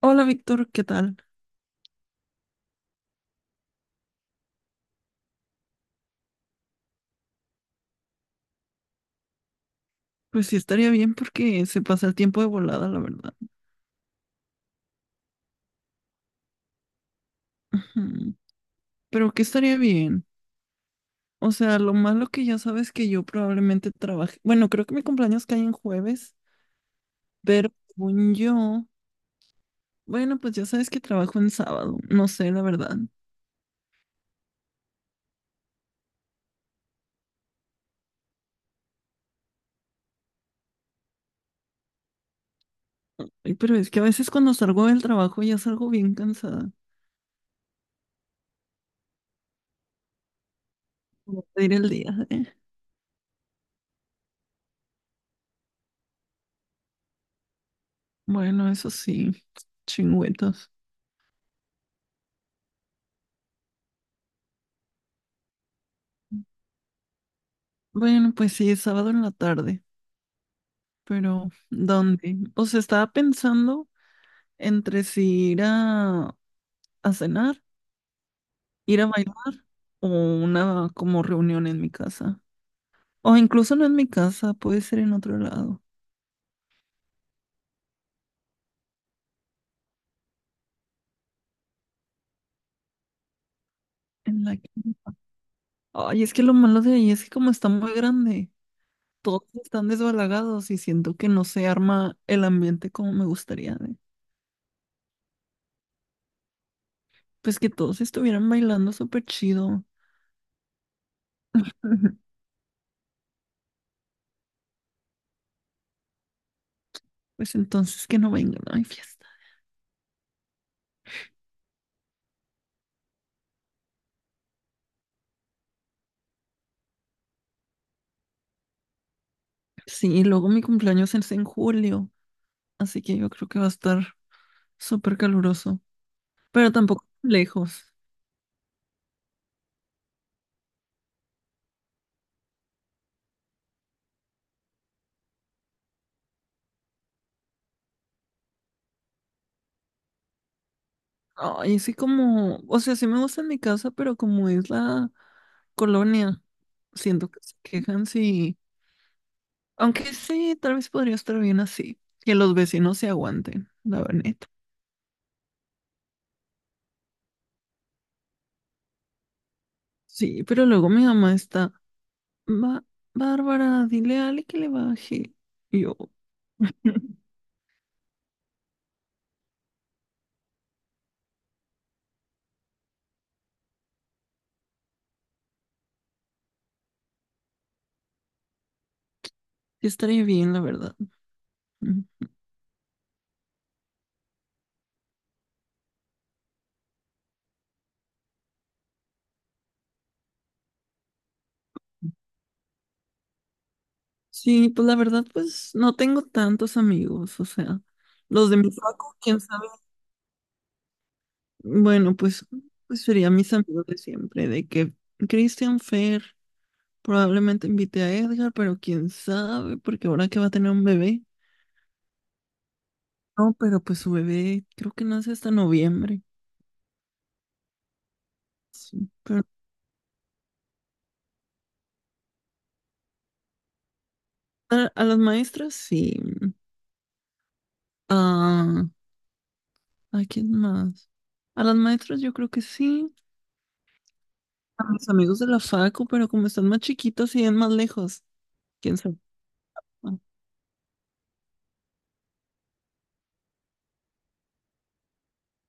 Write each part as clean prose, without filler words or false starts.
Hola Víctor, ¿qué tal? Pues sí, estaría bien porque se pasa el tiempo de volada, la verdad. Ujú. Pero ¿qué estaría bien? O sea, lo malo que ya sabes que yo probablemente trabaje. Bueno, creo que mi cumpleaños cae en jueves, pero según yo, bueno, pues ya sabes que trabajo en sábado. No sé, la verdad. Ay, pero es que a veces cuando salgo del trabajo ya salgo bien cansada. Como pedir el día, ¿eh? Bueno, eso sí, chingüetos. Bueno, pues sí, es sábado en la tarde, pero ¿dónde? O sea, estaba pensando entre si ir a cenar, ir a bailar o una como reunión en mi casa. O incluso no en mi casa, puede ser en otro lado, en la quinta. Ay, es que lo malo de ahí es que como está muy grande, todos están desbalagados y siento que no se arma el ambiente como me gustaría de- Pues que todos estuvieran bailando súper chido. Pues entonces que no vengan, no hay fiesta. Sí, y luego mi cumpleaños es en julio, así que yo creo que va a estar súper caluroso. Pero tampoco tan lejos. Ay, sí como, o sea, sí me gusta mi casa, pero como es la colonia, siento que se quejan si, aunque sí, tal vez podría estar bien así, que los vecinos se aguanten, la verdad. Sí, pero luego mi mamá está, "Ba- Bárbara, dile a Ale que le baje. Y yo, sí estaría bien, la verdad. Ujú. Sí, pues la verdad, pues no tengo tantos amigos, o sea, los de mi facu, quién sabe. Bueno, pues, pues serían mis amigos de siempre, de que Christian Fer probablemente invite a Edgar, pero quién sabe, porque ahora que va a tener un bebé. No, pero pues su bebé creo que nace hasta noviembre. Sí, pero a las maestras sí. Ah, ¿a quién más? A las maestras yo creo que sí. A mis amigos de la facu, pero como están más chiquitos y es más lejos, quién sabe. Ah,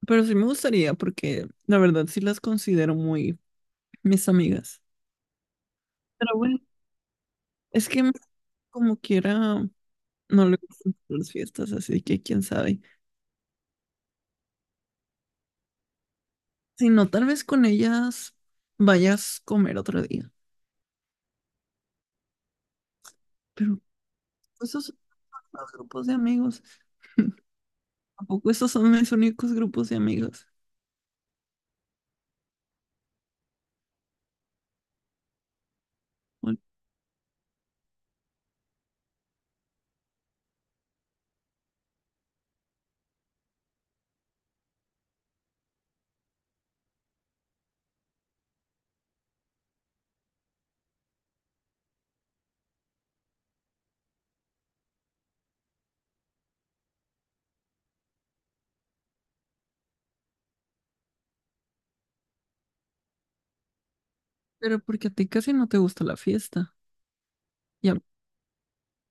pero sí me gustaría, porque la verdad sí las considero muy mis amigas. Pero bueno. Es que me- como quiera, no le gustan las fiestas, así que quién sabe. Si no, tal vez con ellas vayas a comer otro día. Pero esos son los grupos de amigos. Tampoco esos son mis únicos grupos de amigos. Bueno, pero porque a ti casi no te gusta la fiesta. Y, a-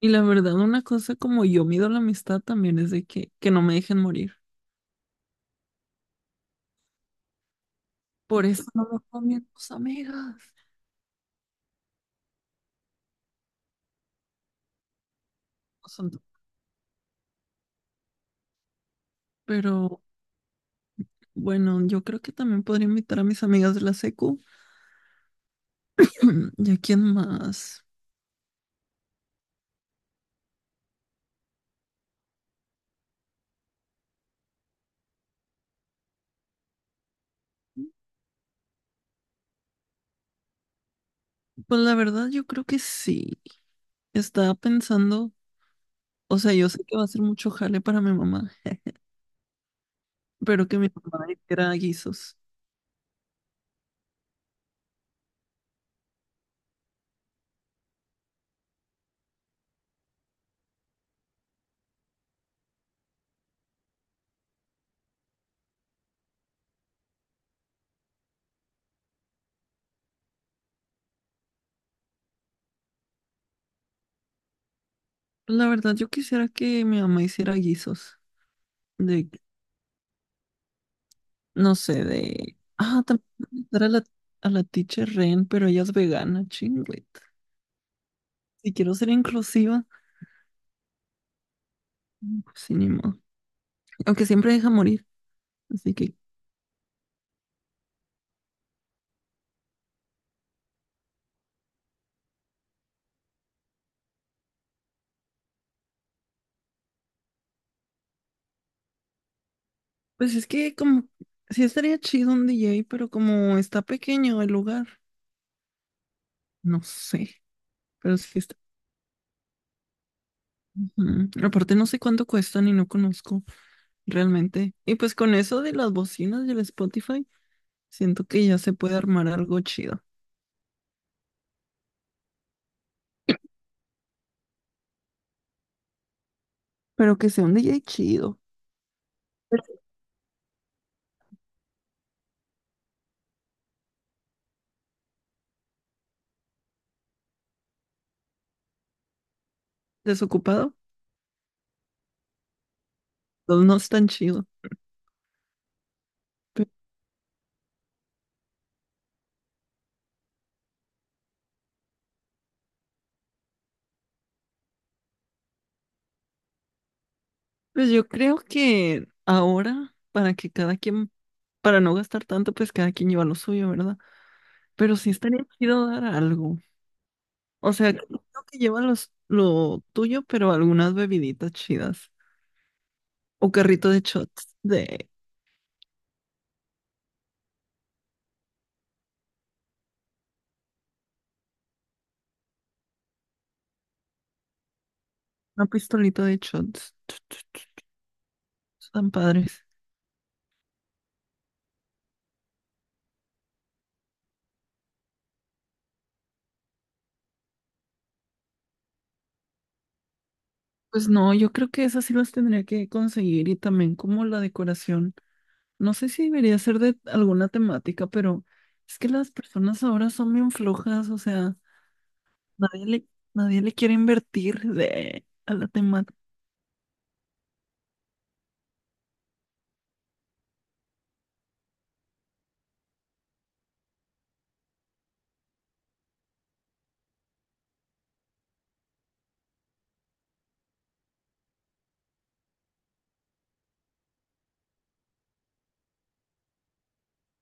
y la verdad, una cosa como yo mido la amistad también es de que no me dejen morir. Por eso no me con mis tus amigas. No son tu- Pero bueno, yo creo que también podría invitar a mis amigas de la secu. ¿Y a quién más? Pues la verdad, yo creo que sí. Estaba pensando, o sea, yo sé que va a ser mucho jale para mi mamá, pero que mi mamá hiciera guisos. Pues la verdad, yo quisiera que mi mamá hiciera guisos. De, no sé, de. Ah, también invitar a a la teacher Ren, pero ella es vegana, chingüet. Si quiero ser inclusiva, pues sí, ni modo. Aunque siempre deja morir. Así que, pues es que como. Sí estaría chido un DJ, pero como está pequeño el lugar. No sé, pero sí está. Ujú. Aparte no sé cuánto cuestan y no conozco realmente. Y pues con eso de las bocinas y el Spotify, siento que ya se puede armar algo chido. Pero que sea un DJ chido. Desocupado, pues, no es tan chido. Pe- pues yo creo que ahora, para que cada quien, para no gastar tanto, pues cada quien lleva lo suyo, ¿verdad? Pero sí estaría chido dar algo. O sea, creo que lleva lo tuyo, pero algunas bebiditas chidas. O carrito de shots, de una pistolita de shots. Tan padres. Pues no, yo creo que esas sí las tendría que conseguir y también como la decoración. No sé si debería ser de alguna temática, pero es que las personas ahora son bien flojas, o sea, nadie le, nadie le quiere invertir de, a la temática.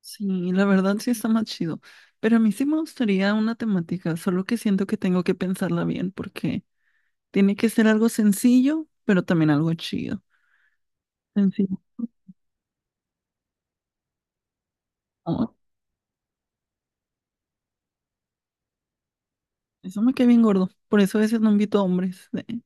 Sí, la verdad sí está más chido. Pero a mí sí me gustaría una temática, solo que siento que tengo que pensarla bien porque tiene que ser algo sencillo, pero también algo chido. Sencillo. Oh, eso me cae bien gordo. Por eso a veces no invito a hombres.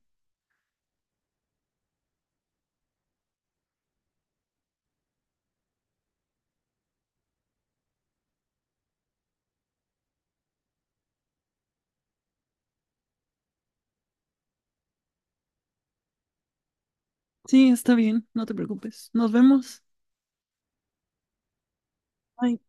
Sí, está bien, no te preocupes. Nos vemos. Bye.